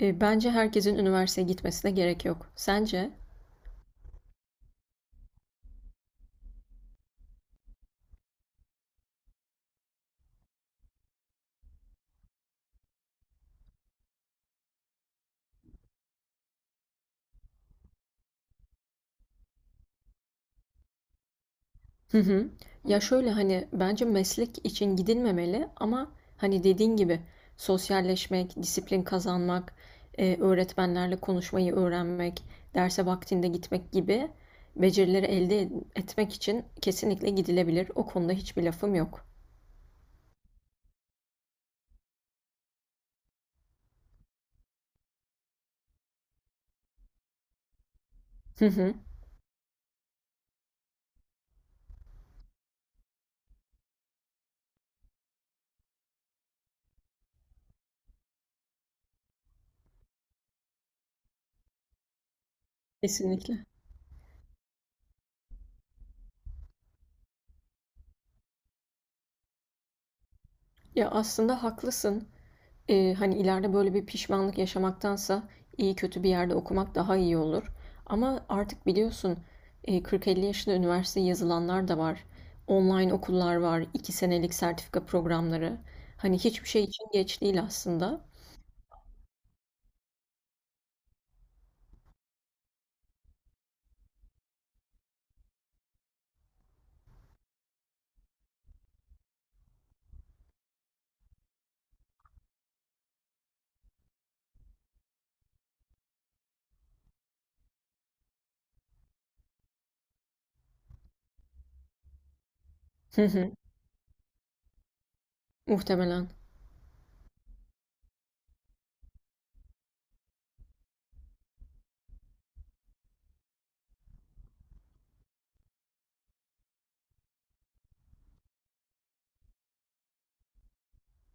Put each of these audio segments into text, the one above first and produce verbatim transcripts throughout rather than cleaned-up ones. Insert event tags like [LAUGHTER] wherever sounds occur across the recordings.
E, bence herkesin üniversiteye gitmesine gerek yok. Sence? Hı hı. Ya şöyle hani bence meslek için gidilmemeli, ama hani dediğin gibi sosyalleşmek, disiplin kazanmak, e, öğretmenlerle konuşmayı öğrenmek, derse vaktinde gitmek gibi becerileri elde ed- etmek için kesinlikle gidilebilir. O konuda hiçbir lafım yok. Hı hı. Kesinlikle. Ya, aslında haklısın. Eee, hani ileride böyle bir pişmanlık yaşamaktansa iyi kötü bir yerde okumak daha iyi olur. Ama artık biliyorsun, eee, kırk elli yaşında üniversiteye yazılanlar da var. Online okullar var, iki senelik sertifika programları. Hani hiçbir şey için geç değil aslında. Hı hı, muhtemelen.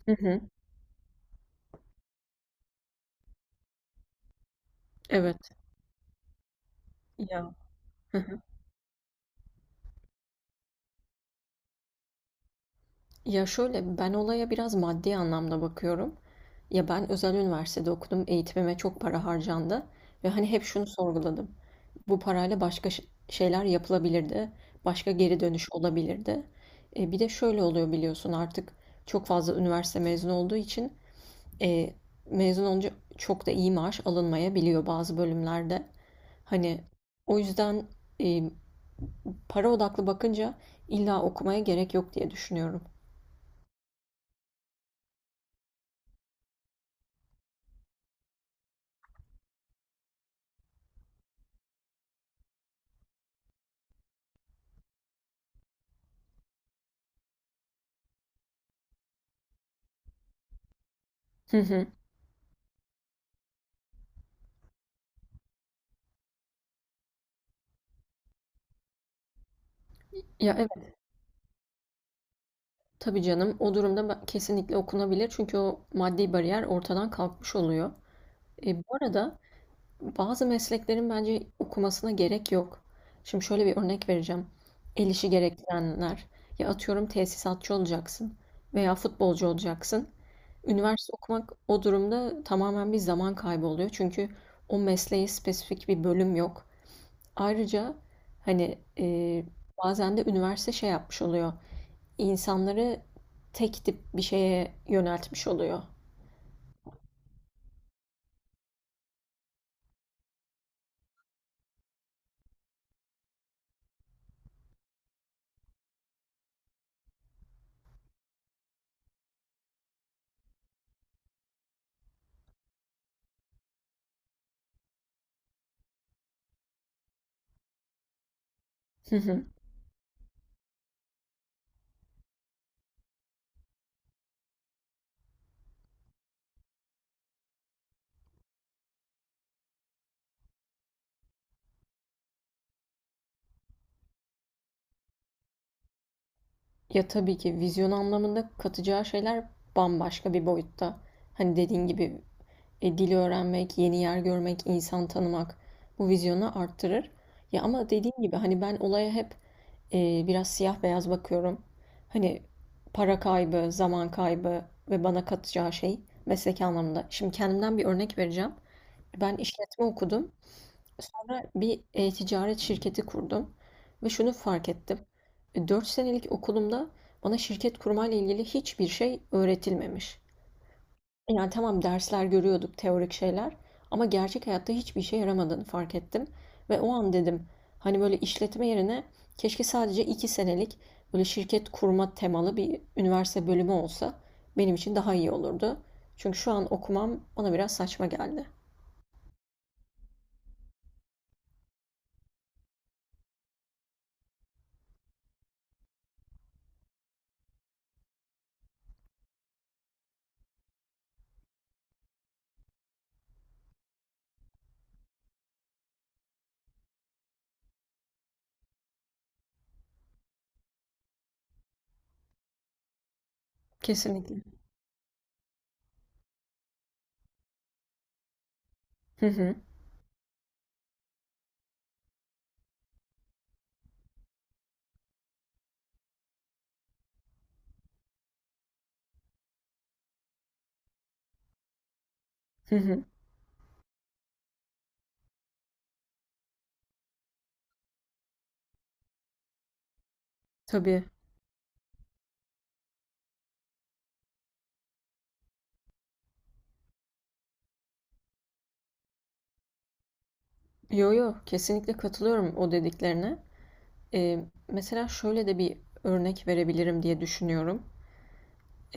Hı hı, evet. Ya. Hı hı. Ya şöyle, ben olaya biraz maddi anlamda bakıyorum. Ya ben özel üniversitede okudum, eğitimime çok para harcandı ve hani hep şunu sorguladım. Bu parayla başka ş- şeyler yapılabilirdi. Başka geri dönüş olabilirdi. E, bir de şöyle oluyor, biliyorsun artık çok fazla üniversite mezunu olduğu için, e, mezun olunca çok da iyi maaş alınmayabiliyor bazı bölümlerde. Hani o yüzden, e, para odaklı bakınca illa okumaya gerek yok diye düşünüyorum. Hı hı. Ya evet, tabii canım, o durumda ben- kesinlikle okunabilir çünkü o maddi bariyer ortadan kalkmış oluyor. E, bu arada, bazı mesleklerin bence okumasına gerek yok. Şimdi şöyle bir örnek vereceğim. El işi gerektirenler. Ya, atıyorum tesisatçı olacaksın veya futbolcu olacaksın. Üniversite okumak o durumda tamamen bir zaman kaybı oluyor. Çünkü o mesleğe spesifik bir bölüm yok. Ayrıca hani, e, bazen de üniversite şey yapmış oluyor. İnsanları tek tip bir şeye yöneltmiş oluyor. [LAUGHS] Ya, tabii ki vizyon anlamında katacağı şeyler bambaşka bir boyutta. Hani dediğin gibi, e, dil öğrenmek, yeni yer görmek, insan tanımak bu vizyonu arttırır. Ya, ama dediğim gibi hani ben olaya hep e, biraz siyah beyaz bakıyorum. Hani para kaybı, zaman kaybı ve bana katacağı şey mesleki anlamda. Şimdi kendimden bir örnek vereceğim. Ben işletme okudum. Sonra bir e-ticaret şirketi kurdum ve şunu fark ettim. E, Dört senelik okulumda bana şirket kurmayla ilgili hiçbir şey öğretilmemiş. Yani tamam, dersler görüyorduk, teorik şeyler, ama gerçek hayatta hiçbir işe yaramadığını fark ettim. Ve o an dedim, hani böyle işletme yerine keşke sadece iki senelik böyle şirket kurma temalı bir üniversite bölümü olsa benim için daha iyi olurdu. Çünkü şu an okumam bana biraz saçma geldi. Kesinlikle. Hı hı. Hı hı. Tabii. Yo, yo, kesinlikle katılıyorum o dediklerine. Ee, Mesela şöyle de bir örnek verebilirim diye düşünüyorum.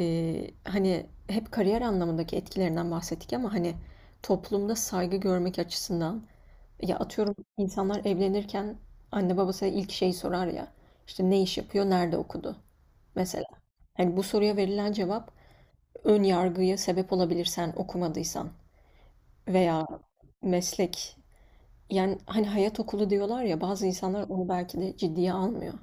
Ee, hani hep kariyer anlamındaki etkilerinden bahsettik, ama hani toplumda saygı görmek açısından, ya atıyorum insanlar evlenirken anne babası ilk şeyi sorar ya, işte ne iş yapıyor, nerede okudu mesela. Hani bu soruya verilen cevap ön yargıya sebep olabilir, sen okumadıysan veya meslek. Yani hani hayat okulu diyorlar ya, bazı insanlar onu belki de ciddiye almıyor.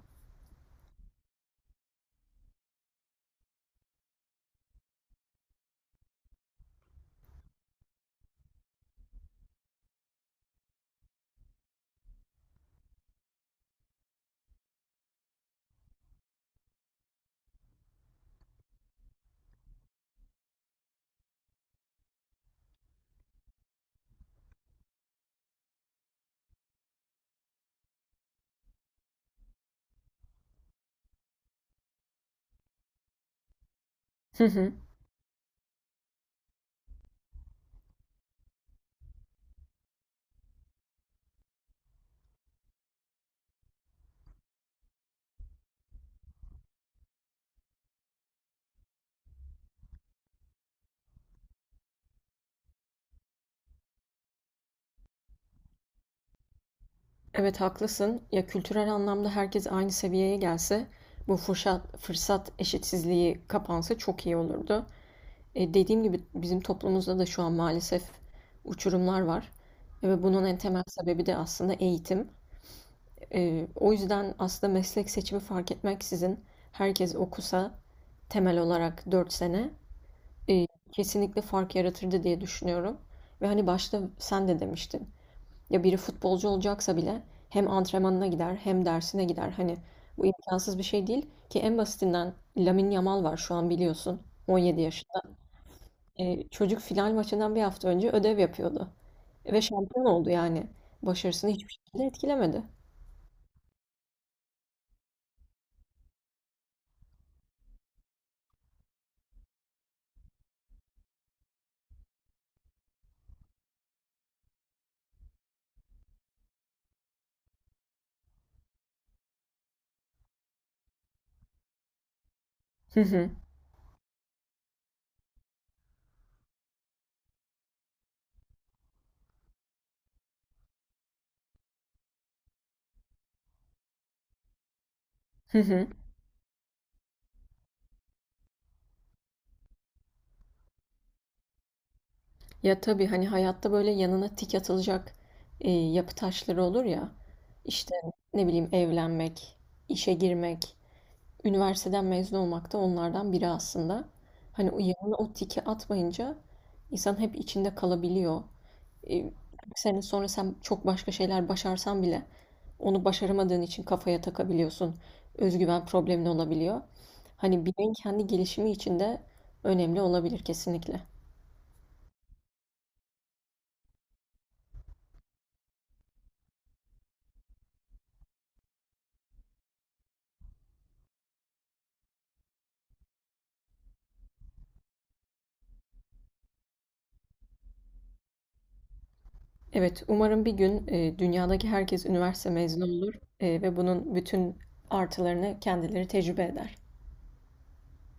Hı hı. Evet, haklısın. Ya kültürel anlamda herkes aynı seviyeye gelse, bu fırsat fırsat eşitsizliği kapansa çok iyi olurdu. E, dediğim gibi bizim toplumumuzda da şu an maalesef uçurumlar var. E, Ve bunun en temel sebebi de aslında eğitim. E, o yüzden aslında meslek seçimi fark etmeksizin herkes okusa, temel olarak dört sene, e, kesinlikle fark yaratırdı diye düşünüyorum. Ve hani başta sen de demiştin. Ya biri futbolcu olacaksa bile hem antrenmanına gider hem dersine gider. Hani bu imkansız bir şey değil ki, en basitinden Lamine Yamal var şu an biliyorsun, on yedi yaşında. E, çocuk final maçından bir hafta önce ödev yapıyordu. Ve şampiyon oldu yani. Başarısını hiçbir şekilde etkilemedi. Hı hı. Hı hı. Ya tabii, hani hayatta böyle yanına tik atılacak, e, yapı taşları olur ya. İşte, ne bileyim, evlenmek, işe girmek, üniversiteden mezun olmak da onlardan biri aslında. Hani o yanına o tiki atmayınca insan hep içinde kalabiliyor. E, Bir sene sonra sen çok başka şeyler başarsan bile onu başaramadığın için kafaya takabiliyorsun. Özgüven problemin olabiliyor. Hani bireyin kendi gelişimi için de önemli olabilir kesinlikle. Evet, umarım bir gün e, dünyadaki herkes üniversite mezunu olur, e, ve bunun bütün artılarını kendileri tecrübe eder.